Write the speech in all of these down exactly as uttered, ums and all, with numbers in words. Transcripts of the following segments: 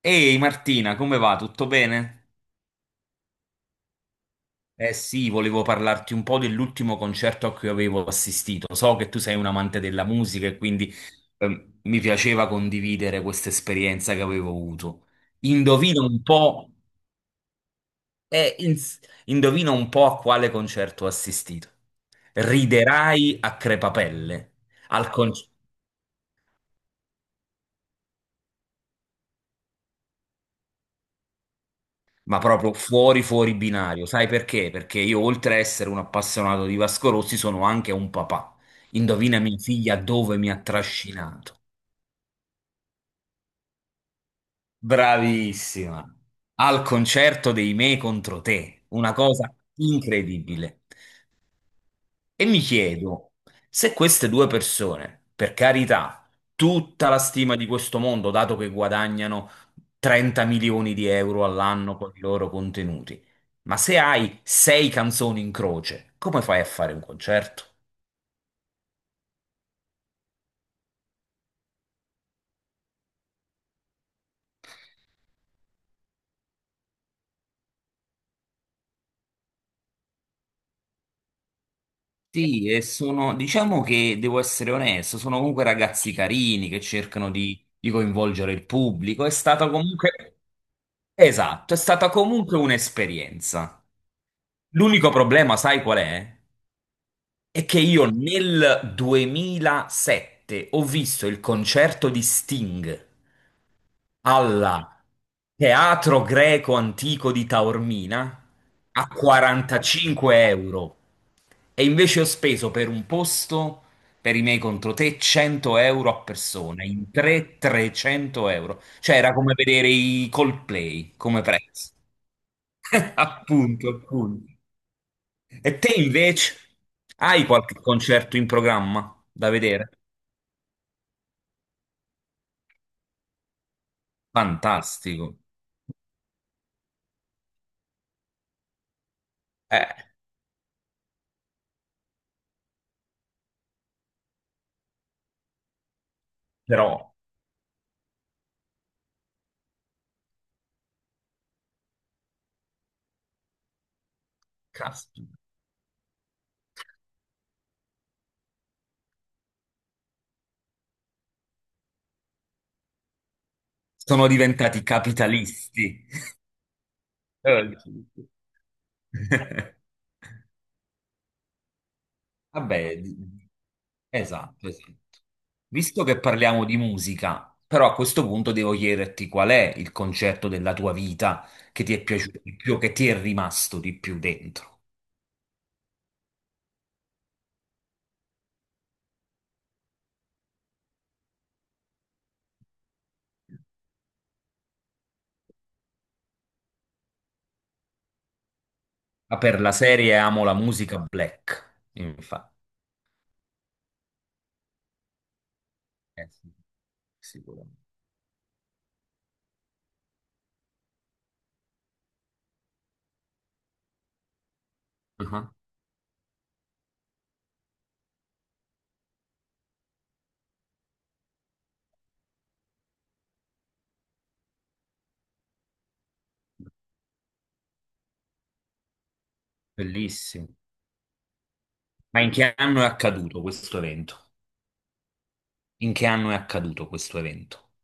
Ehi Martina, come va? Tutto bene? Eh sì, volevo parlarti un po' dell'ultimo concerto a cui avevo assistito. So che tu sei un amante della musica e quindi ehm, mi piaceva condividere questa esperienza che avevo avuto. Indovina un po', eh, ins- indovina un po' a quale concerto ho assistito. Riderai a crepapelle. Al concerto. Ma proprio fuori fuori binario. Sai perché? Perché io, oltre a essere un appassionato di Vasco Rossi, sono anche un papà. Indovina mia figlia dove mi ha trascinato. Bravissima! Al concerto dei Me contro te. Una cosa incredibile. E mi chiedo se queste due persone, per carità, tutta la stima di questo mondo, dato che guadagnano trenta milioni di euro all'anno con i loro contenuti, ma se hai sei canzoni in croce, come fai a fare un concerto? Sì, e sono, diciamo che devo essere onesto, sono comunque ragazzi carini che cercano di, di coinvolgere il pubblico. È stata comunque, esatto, è stata comunque un'esperienza. L'unico problema, sai qual è? È che io nel duemilasette ho visto il concerto di Sting alla Teatro Greco Antico di Taormina a quarantacinque euro e invece ho speso per un posto per i miei contro te cento euro a persona, in tre trecento euro. Cioè era come vedere i Coldplay come prezzo. Appunto, appunto. E te invece hai qualche concerto in programma da vedere? Fantastico. Eh, però, caspita, sono diventati capitalisti. Eh, sì. Vabbè, di- di- esatto, esatto. Visto che parliamo di musica, però a questo punto devo chiederti qual è il concerto della tua vita che ti è piaciuto di più, che ti è rimasto di più dentro. Ma per la serie amo la musica black, infatti. Eh sì, sicuramente. Ah, bellissimo. Ma in che anno è accaduto questo evento? In che anno è accaduto questo evento?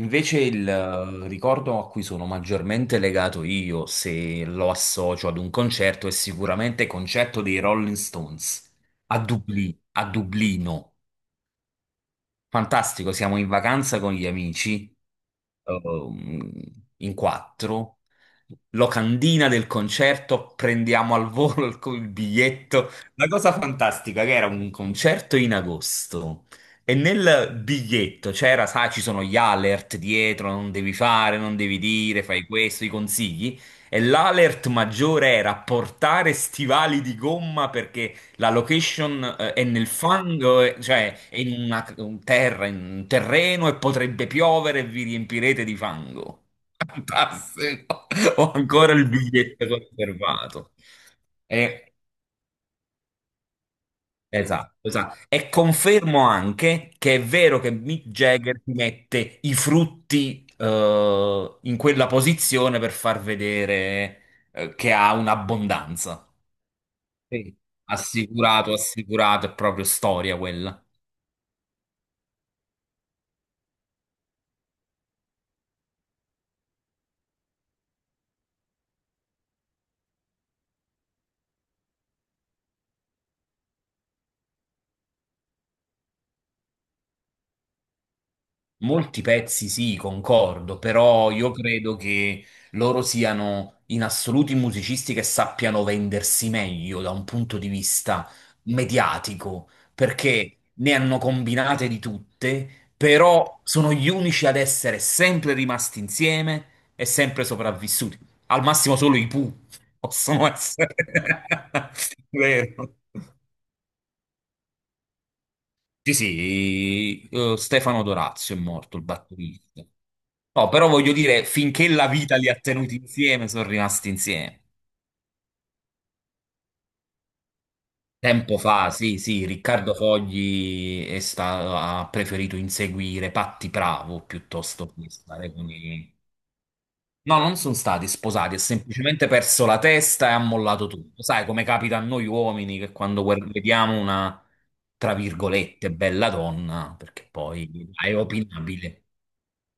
Invece il eh, ricordo a cui sono maggiormente legato io, se lo associo ad un concerto, è sicuramente il concerto dei Rolling Stones a Dublino, a Dublino. Fantastico, siamo in vacanza con gli amici, ehm, in quattro. Locandina del concerto, prendiamo al volo il, il biglietto. La cosa fantastica che era un concerto in agosto e nel biglietto c'era, sai, ci sono gli alert dietro, non devi fare, non devi dire, fai questo, i consigli. E l'alert maggiore era portare stivali di gomma perché la location eh, è nel fango, eh, cioè è in una un terra, in un terreno e potrebbe piovere e vi riempirete di fango. Fantastico! Ho ancora il biglietto conservato. E- esatto, esatto. E confermo anche che è vero che Mick Jagger ti mette i frutti eh, in quella posizione per far vedere eh, che ha un'abbondanza. Sì. Assicurato, assicurato, è proprio storia quella. Molti pezzi sì, concordo, però io credo che loro siano in assoluti musicisti che sappiano vendersi meglio da un punto di vista mediatico, perché ne hanno combinate di tutte, però sono gli unici ad essere sempre rimasti insieme e sempre sopravvissuti. Al massimo solo i Pooh possono essere. Vero. Sì, sì, eh, Stefano Dorazio è morto, il batterista. No, però voglio dire, finché la vita li ha tenuti insieme, sono rimasti insieme. Tempo fa, sì, sì, Riccardo Fogli è sta- ha preferito inseguire Patti Bravo piuttosto che stare con i... No, non sono stati sposati, ha semplicemente perso la testa e ha mollato tutto. Sai come capita a noi uomini che quando guard- vediamo una, tra virgolette, bella donna, perché poi è opinabile.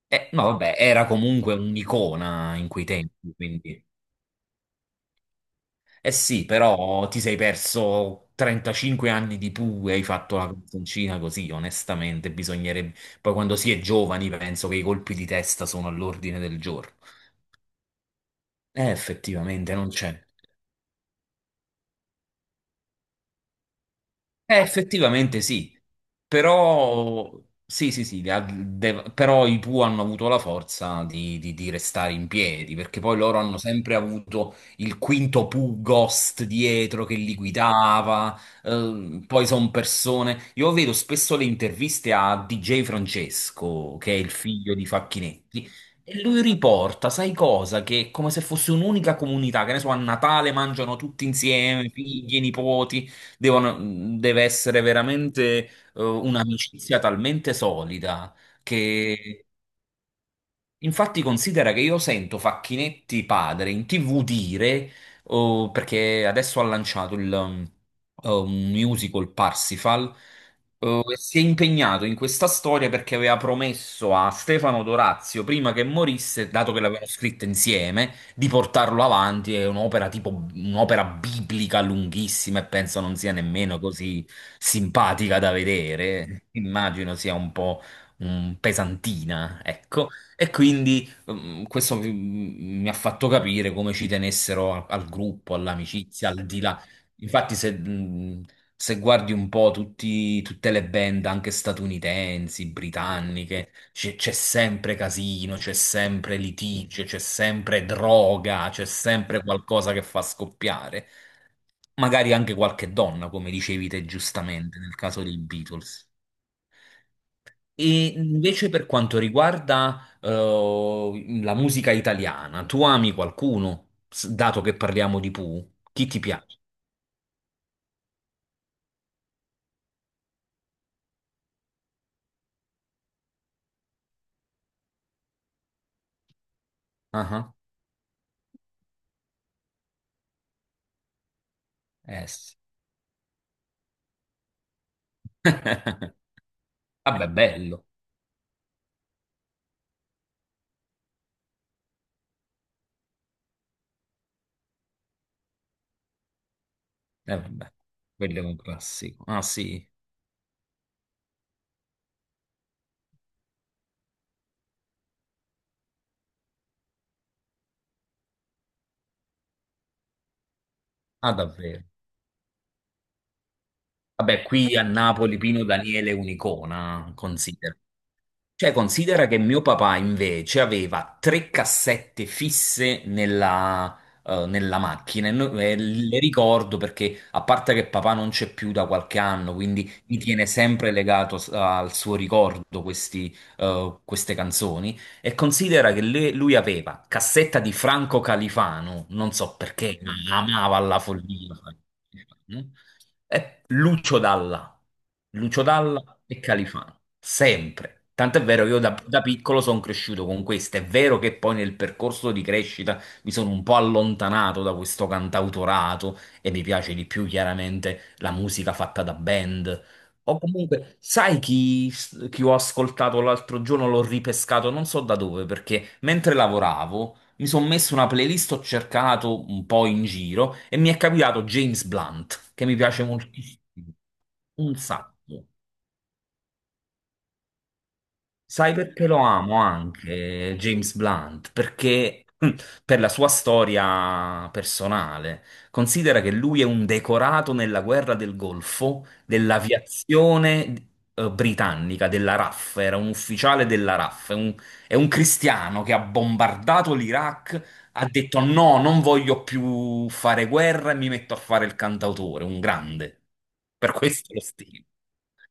Eh, no, vabbè, era comunque un'icona in quei tempi, quindi... Eh sì, però ti sei perso trentacinque anni di pure, hai fatto la canzoncina così, onestamente, bisognerebbe... Poi quando si è giovani penso che i colpi di testa sono all'ordine del giorno. Eh, effettivamente non c'è. Eh, effettivamente sì, però, sì, sì, sì, ha- dev- però i Pooh hanno avuto la forza di, di- di restare in piedi, perché poi loro hanno sempre avuto il quinto Pooh Ghost dietro che li guidava, ehm, poi sono persone... Io vedo spesso le interviste a D J Francesco, che è il figlio di Facchinetti, e lui riporta, sai cosa? Che è come se fosse un'unica comunità, che ne so, a Natale mangiano tutti insieme, figli, nipoti devono- deve essere veramente eh, un'amicizia talmente solida. Che Infatti considera che io sento Facchinetti padre in T V dire, oh, perché adesso ha lanciato il, um, oh, un musical Parsifal, oh, e si è impegnato in questa storia perché aveva promesso a Stefano Dorazio, prima che morisse, dato che l'avevano scritta insieme, di portarlo avanti. È un'opera tipo un'opera biblica lunghissima e penso non sia nemmeno così simpatica da vedere. Immagino sia un po' mm, pesantina, ecco. E quindi mm, mm, questo vi- mi ha fatto capire come ci tenessero al, al gruppo, all'amicizia, al di là. Infatti, se, mm, se guardi un po' tutti- tutte le band, anche statunitensi, britanniche, c'è c'è sempre casino, c'è sempre litigio, c'è sempre droga, c'è sempre qualcosa che fa scoppiare. Magari anche qualche donna, come dicevi te giustamente nel caso dei Beatles. E invece per quanto riguarda eh, la musica italiana, tu ami qualcuno, S- dato che parliamo di Pooh? Chi ti piace? Ah, ah. Eh sì. Vabbè, bello. Eh, vabbè. Quello è un classico. Ah sì, ah davvero. Vabbè, qui a Napoli Pino Daniele è un'icona, considero. Cioè, considera che mio papà invece aveva tre cassette fisse nella, eh, nella macchina e, no- e le ricordo perché, a parte che papà non c'è più da qualche anno, quindi mi tiene sempre legato s- al suo ricordo questi, eh, queste canzoni. E considera che le- lui aveva cassetta di Franco Califano, non so perché, ma amava alla follia. Franco Califano, e Lucio Dalla, Lucio Dalla e Califano sempre. Tant'è vero che io da, Eh, da piccolo sono cresciuto con questo. È vero che poi nel percorso di crescita mi sono un po' allontanato da questo cantautorato e mi piace di più chiaramente la musica fatta da band. O comunque, sai chi, chi ho ascoltato l'altro giorno? L'ho ripescato non so da dove, perché mentre lavoravo mi sono messo una playlist, ho cercato un po' in giro e mi è capitato James Blunt, che mi piace moltissimo. Un sacco. Sai perché lo amo anche James Blunt? Perché per la sua storia personale, considera che lui è un decorato nella guerra del Golfo dell'aviazione eh, britannica, della R A F, era un ufficiale della R A F, è un, è un cristiano che ha bombardato l'Iraq, ha detto no, non voglio più fare guerra e mi metto a fare il cantautore, un grande. Per questo lo stimo.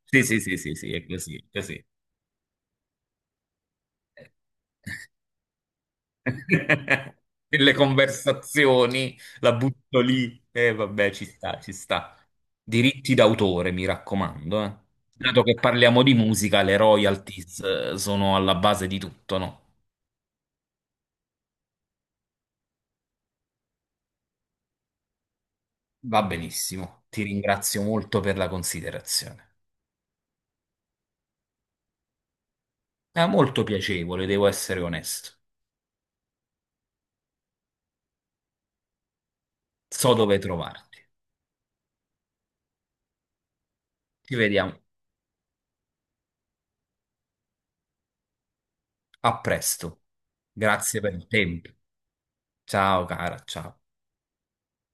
Sì, sì, sì, sì, sì, è così, è così. Nelle conversazioni la butto lì e vabbè, ci sta, ci sta. Diritti d'autore, mi raccomando, eh. Dato che parliamo di musica, le royalties eh, sono alla base di tutto, no? Va benissimo. Ti ringrazio molto per la considerazione. È molto piacevole, devo essere onesto. So dove trovarti. Ci vediamo. A presto. Grazie per il tempo. Ciao cara, ciao.